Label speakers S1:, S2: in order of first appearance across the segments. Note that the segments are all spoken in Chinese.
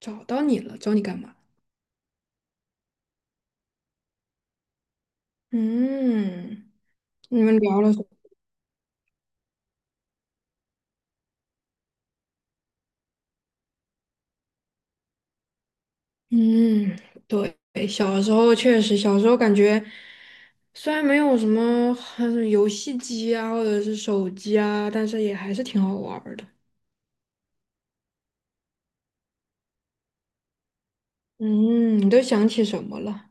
S1: 找到你了，找你干嘛？嗯。你们聊了什么？嗯，对，小时候确实，小时候感觉虽然没有什么很游戏机啊，或者是手机啊，但是也还是挺好玩儿的。嗯，你都想起什么了？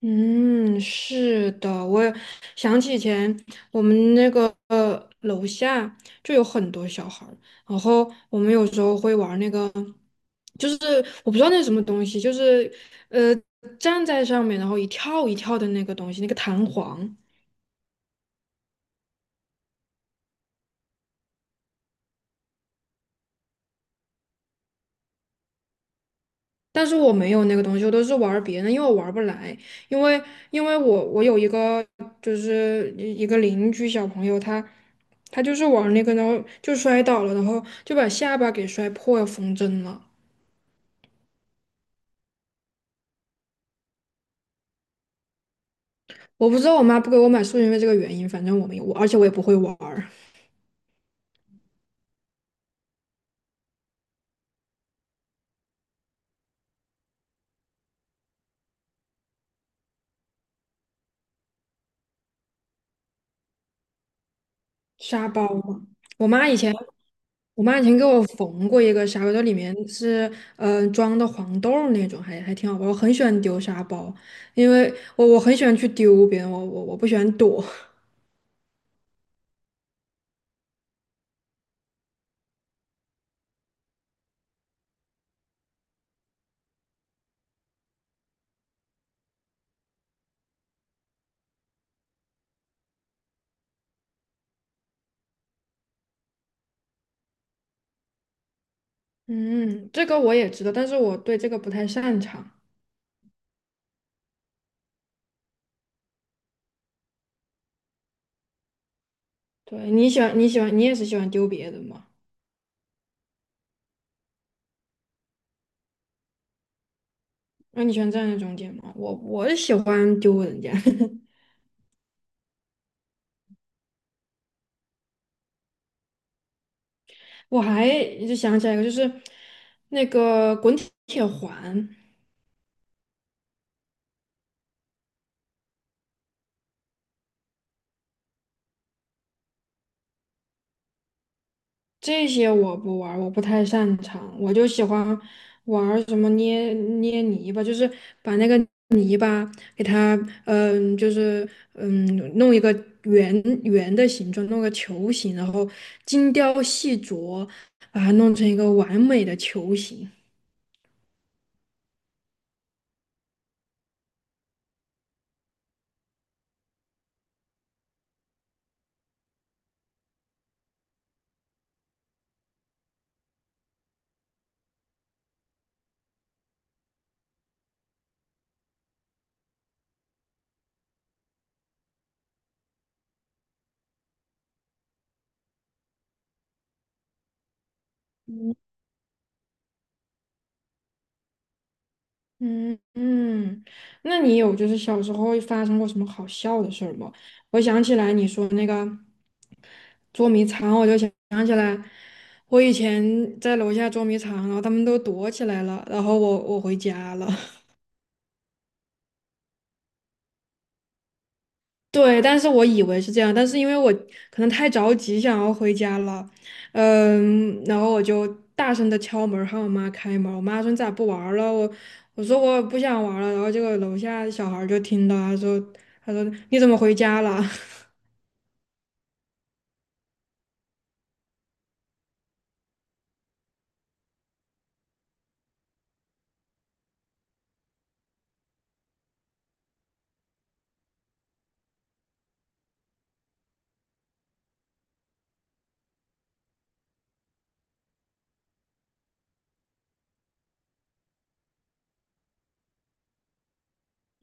S1: 嗯，是的，我也想起以前我们那个楼下就有很多小孩儿，然后我们有时候会玩那个，就是我不知道那是什么东西，就是呃站在上面然后一跳一跳的那个东西，那个弹簧。但是我没有那个东西，我都是玩儿别人的，因为我玩儿不来。因为因为我有一个一个邻居小朋友，他就是玩儿那个，然后就摔倒了，然后就把下巴给摔破，要缝针了。我不知道我妈不给我买是不因为这个原因，反正我没有，而且我也不会玩儿。沙包吗？我妈以前，我妈以前给我缝过一个沙包，它里面是装的黄豆儿那种，还挺好玩。我很喜欢丢沙包，因为我很喜欢去丢别人，我不喜欢躲。嗯，这个我也知道，但是我对这个不太擅长。对，你也是喜欢丢别人吗？那你喜欢站在中间吗？我喜欢丢人家。我还就想起来一个，就是那个滚铁环。这些我不玩儿，我不太擅长，我就喜欢玩儿什么捏捏泥巴，就是把那个泥巴给它，就是嗯，弄一个圆圆的形状，弄个球形，然后精雕细琢，把它弄成一个完美的球形。嗯嗯，那你有就是小时候发生过什么好笑的事儿吗？我想起来你说那个捉迷藏，我就想起来，我以前在楼下捉迷藏，然后他们都躲起来了，然后我回家了。对，但是我以为是这样，但是因为我可能太着急想要回家了，嗯，然后我就大声的敲门喊我妈开门，我妈说你咋不玩儿了？我说我不想玩儿了。然后结果楼下小孩儿就听到，他说你怎么回家了？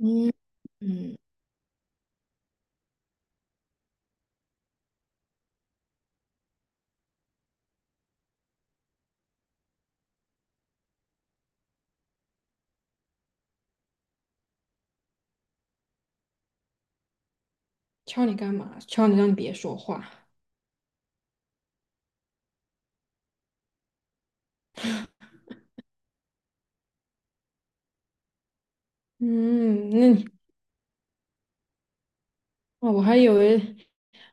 S1: 嗯嗯，敲你干嘛？敲你让你别说话。嗯，那你。哦，我还以为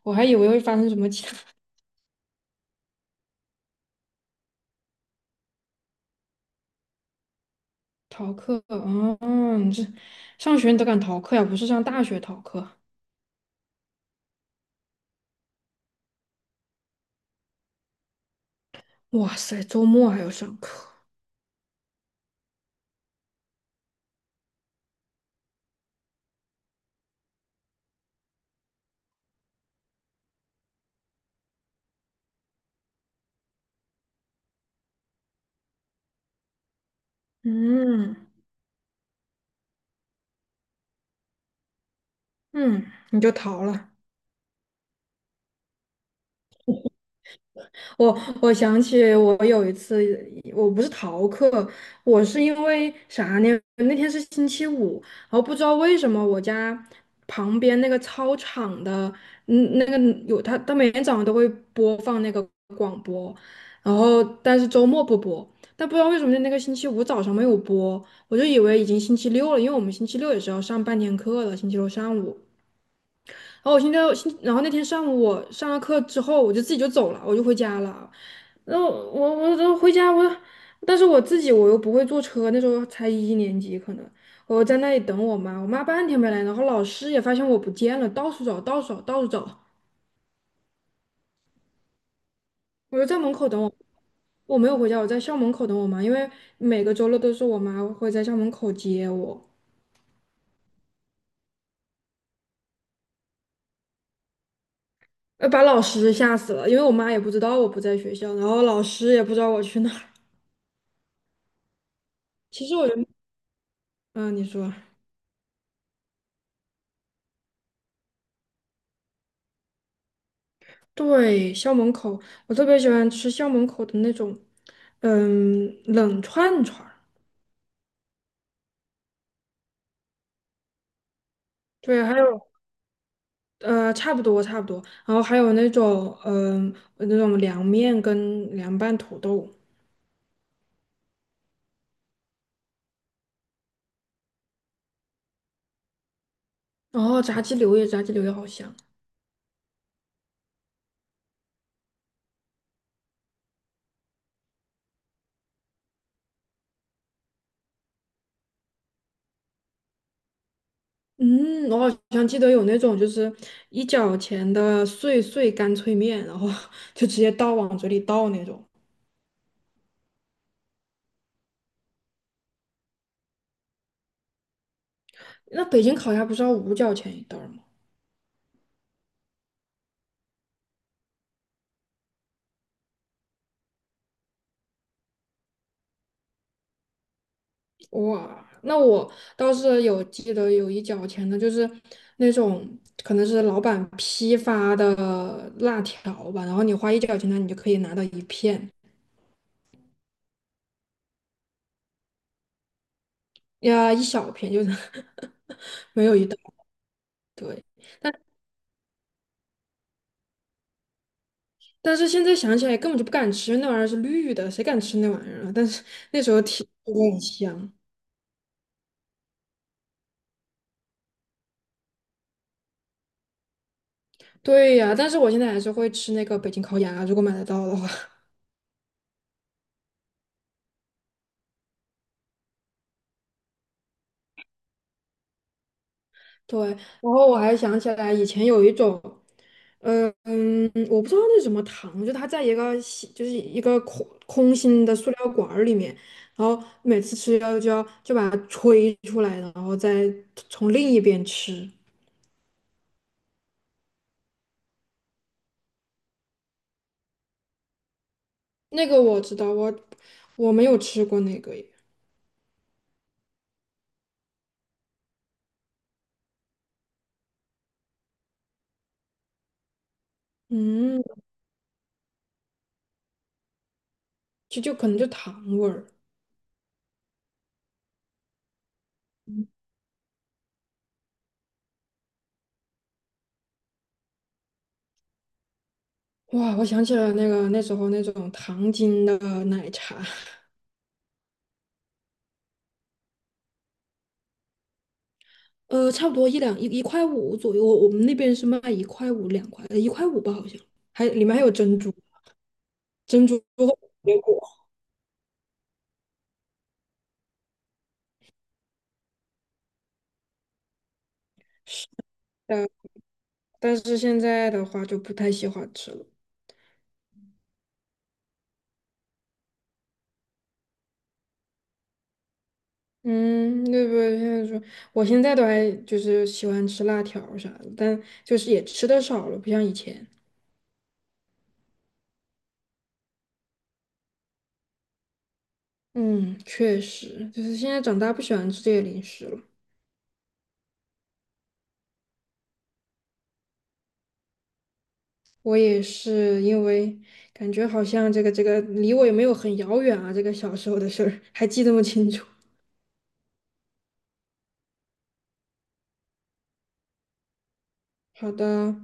S1: 我还以为会发生什么其他。 逃课。嗯，你这上学你都敢逃课呀？不是上大学逃课。哇塞，周末还要上课，嗯嗯，你就逃了。我我想起我有一次，我不是逃课，我是因为啥呢？那天是星期五，然后不知道为什么我家旁边那个操场的，那个有他，他每天早上都会播放那个广播，然后但是周末不播，但不知道为什么那个星期五早上没有播，我就以为已经星期六了，因为我们星期六也是要上半天课的，星期六上午。然后我现在，现然后那天上午我上了课之后，我就自己就走了，我就回家了。然后我我我回家我，但是我自己又不会坐车，那时候才一年级可能，我在那里等我妈，我妈半天没来，然后老师也发现我不见了，到处找，到处找，到处找，我就在门口我没有回家，我在校门口等我妈，因为每个周六都是我妈会在校门口接我，把老师吓死了，因为我妈也不知道我不在学校，然后老师也不知道我去哪儿。其实我觉得。嗯，你说。对，校门口，我特别喜欢吃校门口的那种，冷串串儿。对，还有差不多差不多，然后还有那种，那种凉面跟凉拌土豆，然后炸鸡柳也好香。嗯，我好像记得有那种就是一角钱的碎碎干脆面，然后 就直接倒往嘴里倒那种。那北京烤鸭不是要5角钱一袋儿吗？哇，那我倒是有记得有一角钱的，就是那种可能是老板批发的辣条吧，然后你花一角钱呢，你就可以拿到一片，呀，一小片，就是 没有一大堆。但但是现在想起来根本就不敢吃，那玩意儿是绿的，谁敢吃那玩意儿啊？但是那时候挺觉得很香。对呀，但是我现在还是会吃那个北京烤鸭，如果买得到的话。对，然后我还想起来以前有一种，嗯嗯，我不知道那什么糖，就它在一个吸就是一个空心的塑料管儿里面，然后每次吃要就要就把它吹出来，然后再从另一边吃。那个我知道，我没有吃过那个耶，嗯，就可能就糖味儿。哇，我想起了那个那时候那种糖精的奶茶。差不多一两一一块五左右，我们那边是卖一块五2块，一块五吧，好像。还里面还有珍珠，珍珠和水果，但但是现在的话就不太喜欢吃了。嗯，对不对？现在说，我现在都还就是喜欢吃辣条啥的，但就是也吃的少了，不像以前。嗯，确实，就是现在长大不喜欢吃这些零食了。我也是因为感觉好像这个离我也没有很遥远啊，这个小时候的事儿还记那么清楚。好的。